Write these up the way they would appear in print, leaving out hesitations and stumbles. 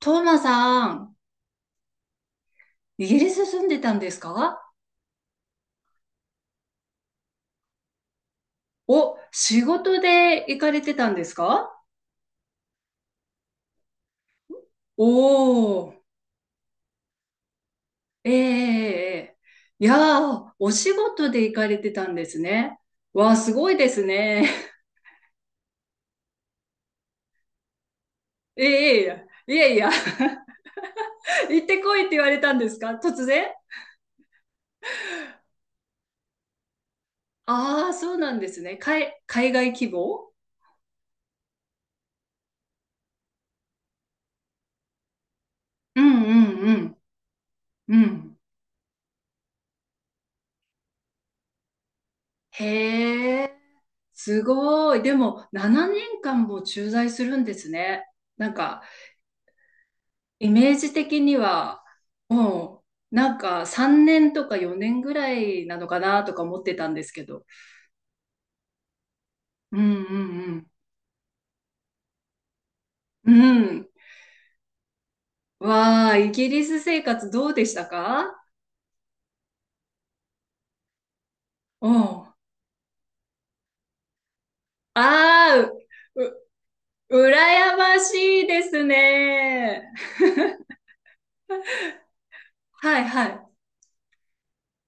トーマさん、イギリス住んでたんですか？お、仕事で行かれてたんですか？おー、ええええ、いやー、お仕事で行かれてたんですね。わあ、すごいですね。ええ、いやいや、いやいや、行ってこいって言われたんですか、突然？ああー、そうなんですね。海外希望、うんうんうん。うん。へえ、すごい。でも、7年間も駐在するんですね。なんか、イメージ的には、もう、なんか3年とか4年ぐらいなのかなとか思ってたんですけど。うんうんうん。うん。わあ、イギリス生活どうでしたか？うん。ああ、う、羨ましいですね。はいはい。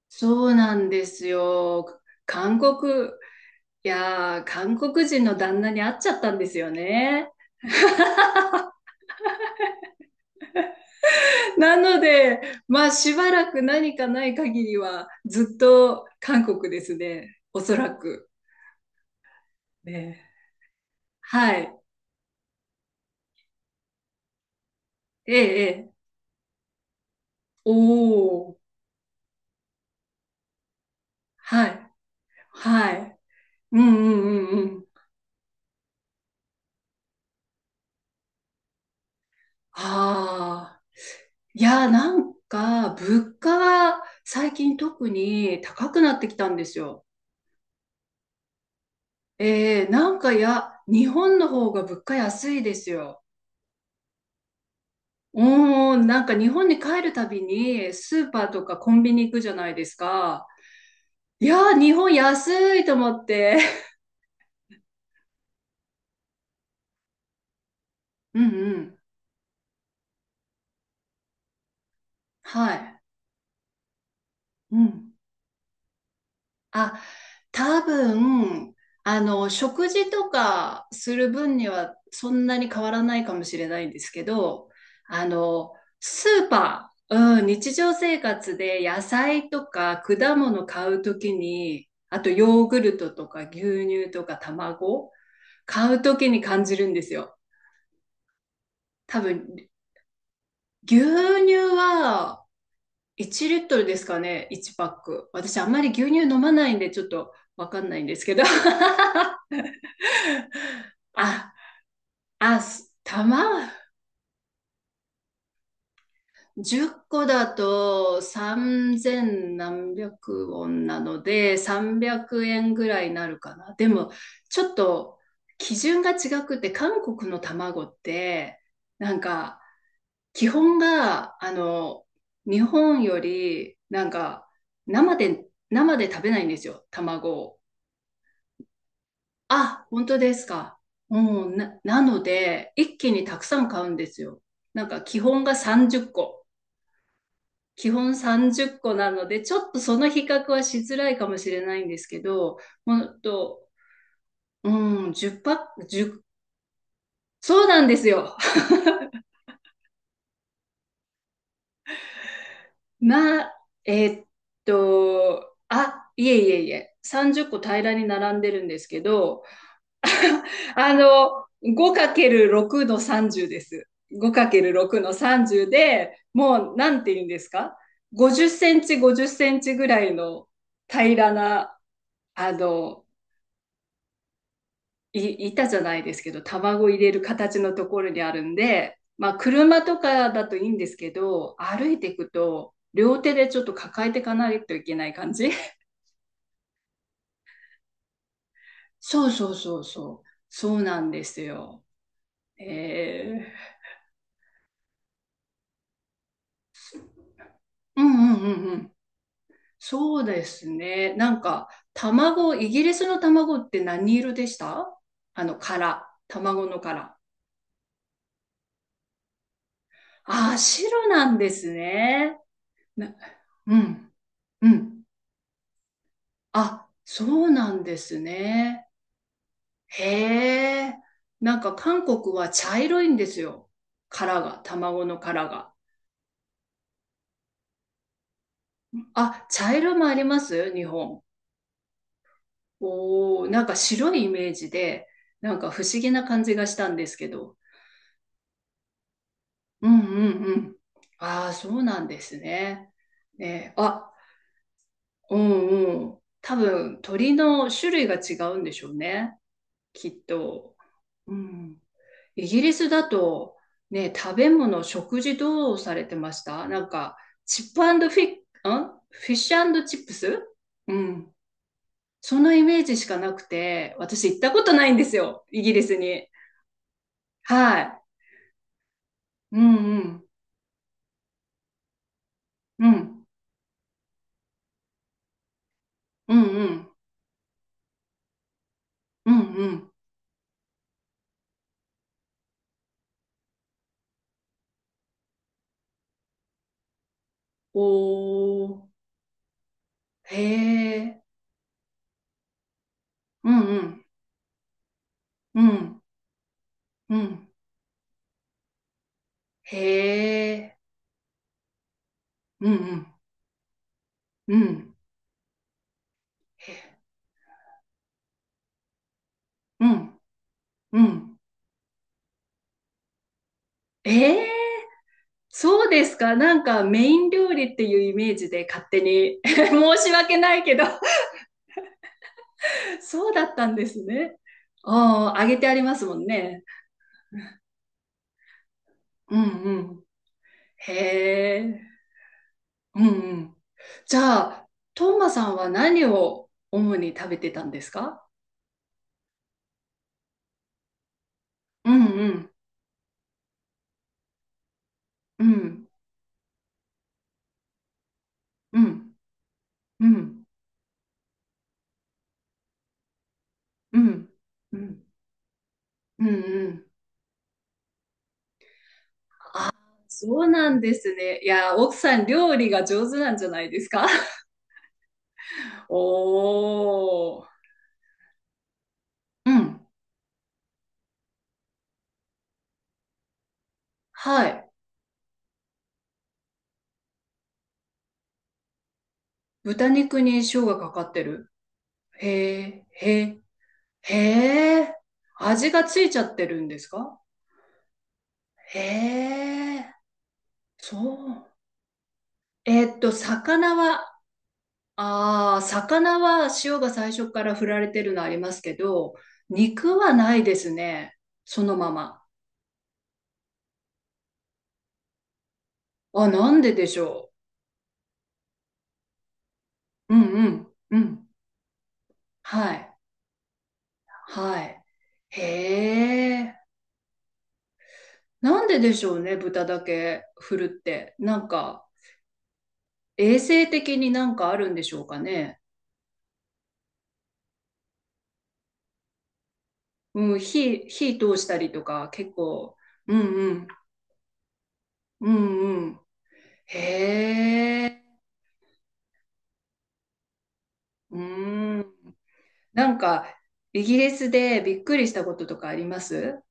そうなんですよ。韓国、いやー、韓国人の旦那に会っちゃったんですよね。なので、まあしばらく何かない限りはずっと韓国ですね。おそらく。ね、はい。ええ、ええ。おお。はい。はい。うんうんうんうん。ああ。いや、なんか、物価は最近特に高くなってきたんですよ。ええ、なんかや、日本の方が物価安いですよ。おーん、なんか日本に帰るたびにスーパーとかコンビニ行くじゃないですか。いやー、日本安いと思って。うんうん。はい。うん。あ、多分、あの、食事とかする分にはそんなに変わらないかもしれないんですけど、あの、スーパー、うん、日常生活で野菜とか果物買うときに、あとヨーグルトとか牛乳とか卵、買うときに感じるんですよ。多分、牛乳は1リットルですかね、1パック。私あんまり牛乳飲まないんでちょっとわかんないんですけど。あ、あ、す玉10個だと3千何百ウォンなので300円ぐらいになるかな。でも、ちょっと基準が違くて、韓国の卵ってなんか基本が、あの、日本より、なんか、生で、生で食べないんですよ、卵を。あ、本当ですか。うん、なので、一気にたくさん買うんですよ。なんか、基本が30個。基本30個なので、ちょっとその比較はしづらいかもしれないんですけど、ほんと、うん、10パック、1そうなんですよ。まあ、えーっあ、いえいえいえ、30個平らに並んでるんですけど、あの、5×6 の30です。5×6 の30で、もう、なんて言うんですか？ 50 センチ、50センチぐらいの平らな、あの、板じゃないですけど、卵入れる形のところにあるんで、まあ、車とかだといいんですけど、歩いていくと、両手でちょっと抱えていかないといけない感じ。そうそうそうそう。そうなんですよ。えーうんうんうんうん。そうですね。なんか、卵、イギリスの卵って何色でした？あの、殻。卵の殻。ああ、白なんですね。な、うん、うん。あ、そうなんですね。へえ。なんか韓国は茶色いんですよ。殻が、卵の殻が。あ、茶色もあります、日本。おお、なんか白いイメージで、なんか不思議な感じがしたんですけど。うんうんうん。ああ、そうなんですね。ね、あ、うんうん。多分、鳥の種類が違うんでしょうね。きっと。うん。イギリスだと、ね、食べ物、食事どうされてました？なんか、チップフィッ、んフィッシュチップス。うん。そのイメージしかなくて、私行ったことないんですよ、イギリスに。はい。うんうん。うん。うんうん。うんうん。おー。へえ。うんうん。うん。うん。へえ。うんうん。うん。うん。うん。ええ。そうですか。なんか、メイン料理っていうイメージで勝手に 申し訳ないけど、そうだったんですね。ああ、揚げてありますもんね。うんうん。へえ。うんうん。じゃあ、トーマさんは何を主に食べてたんですか？うんうんうんうんうんうんうんうんうん、そうなんですね。いや、奥さん料理が上手なんじゃないですか？ おー。うん。はい。豚肉に塩がかかってる。へえ、へえ、へえ。味がついちゃってるんですか？へえ、そう。魚は、ああ、魚は塩が最初から振られてるのありますけど、肉はないですね。そのまま。あ、なんででしょう。うんうん、うん。はい、はい。へえ、なんででしょうね、豚だけ振るって。なんか、衛生的になんかあるんでしょうかね。うん、火通したりとか、結構、うんうん、うんうん。へえ、うん。なんか、イギリスでびっくりしたこととかあります？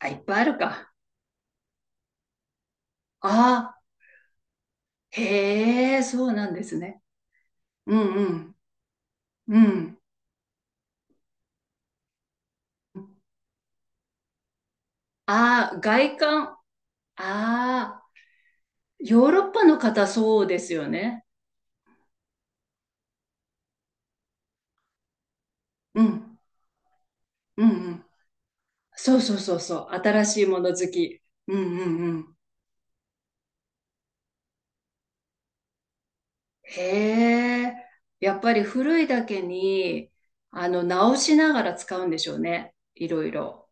あ、いっぱいあるか。ああ、へえ、そうなんですね。うんうん。うん。ああ、外観。ああ、ヨーロッパの方そうですよね。うん。うんうん。そうそうそうそう。新しいもの好き。うんうんうん。へえ。やっぱり古いだけに、あの、直しながら使うんでしょうね、いろいろ。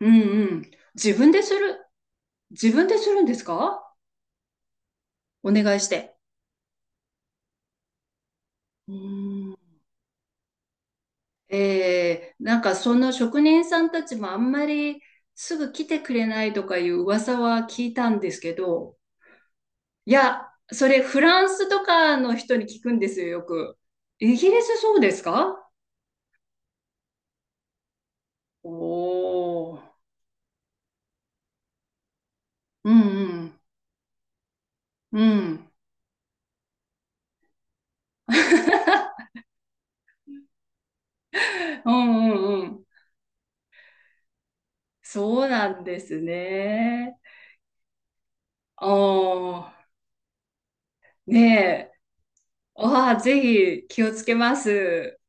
うんうん。自分でする。自分でするんですか？お願いして。うーん。なんか、その職人さんたちもあんまりすぐ来てくれないとかいう噂は聞いたんですけど、いや、それフランスとかの人に聞くんですよ、よく。イギリスそうですか？おー。うんうん。うん。うんうんうん。そうなんですね。ああ、ねえ。ああ、ぜひ気をつけます。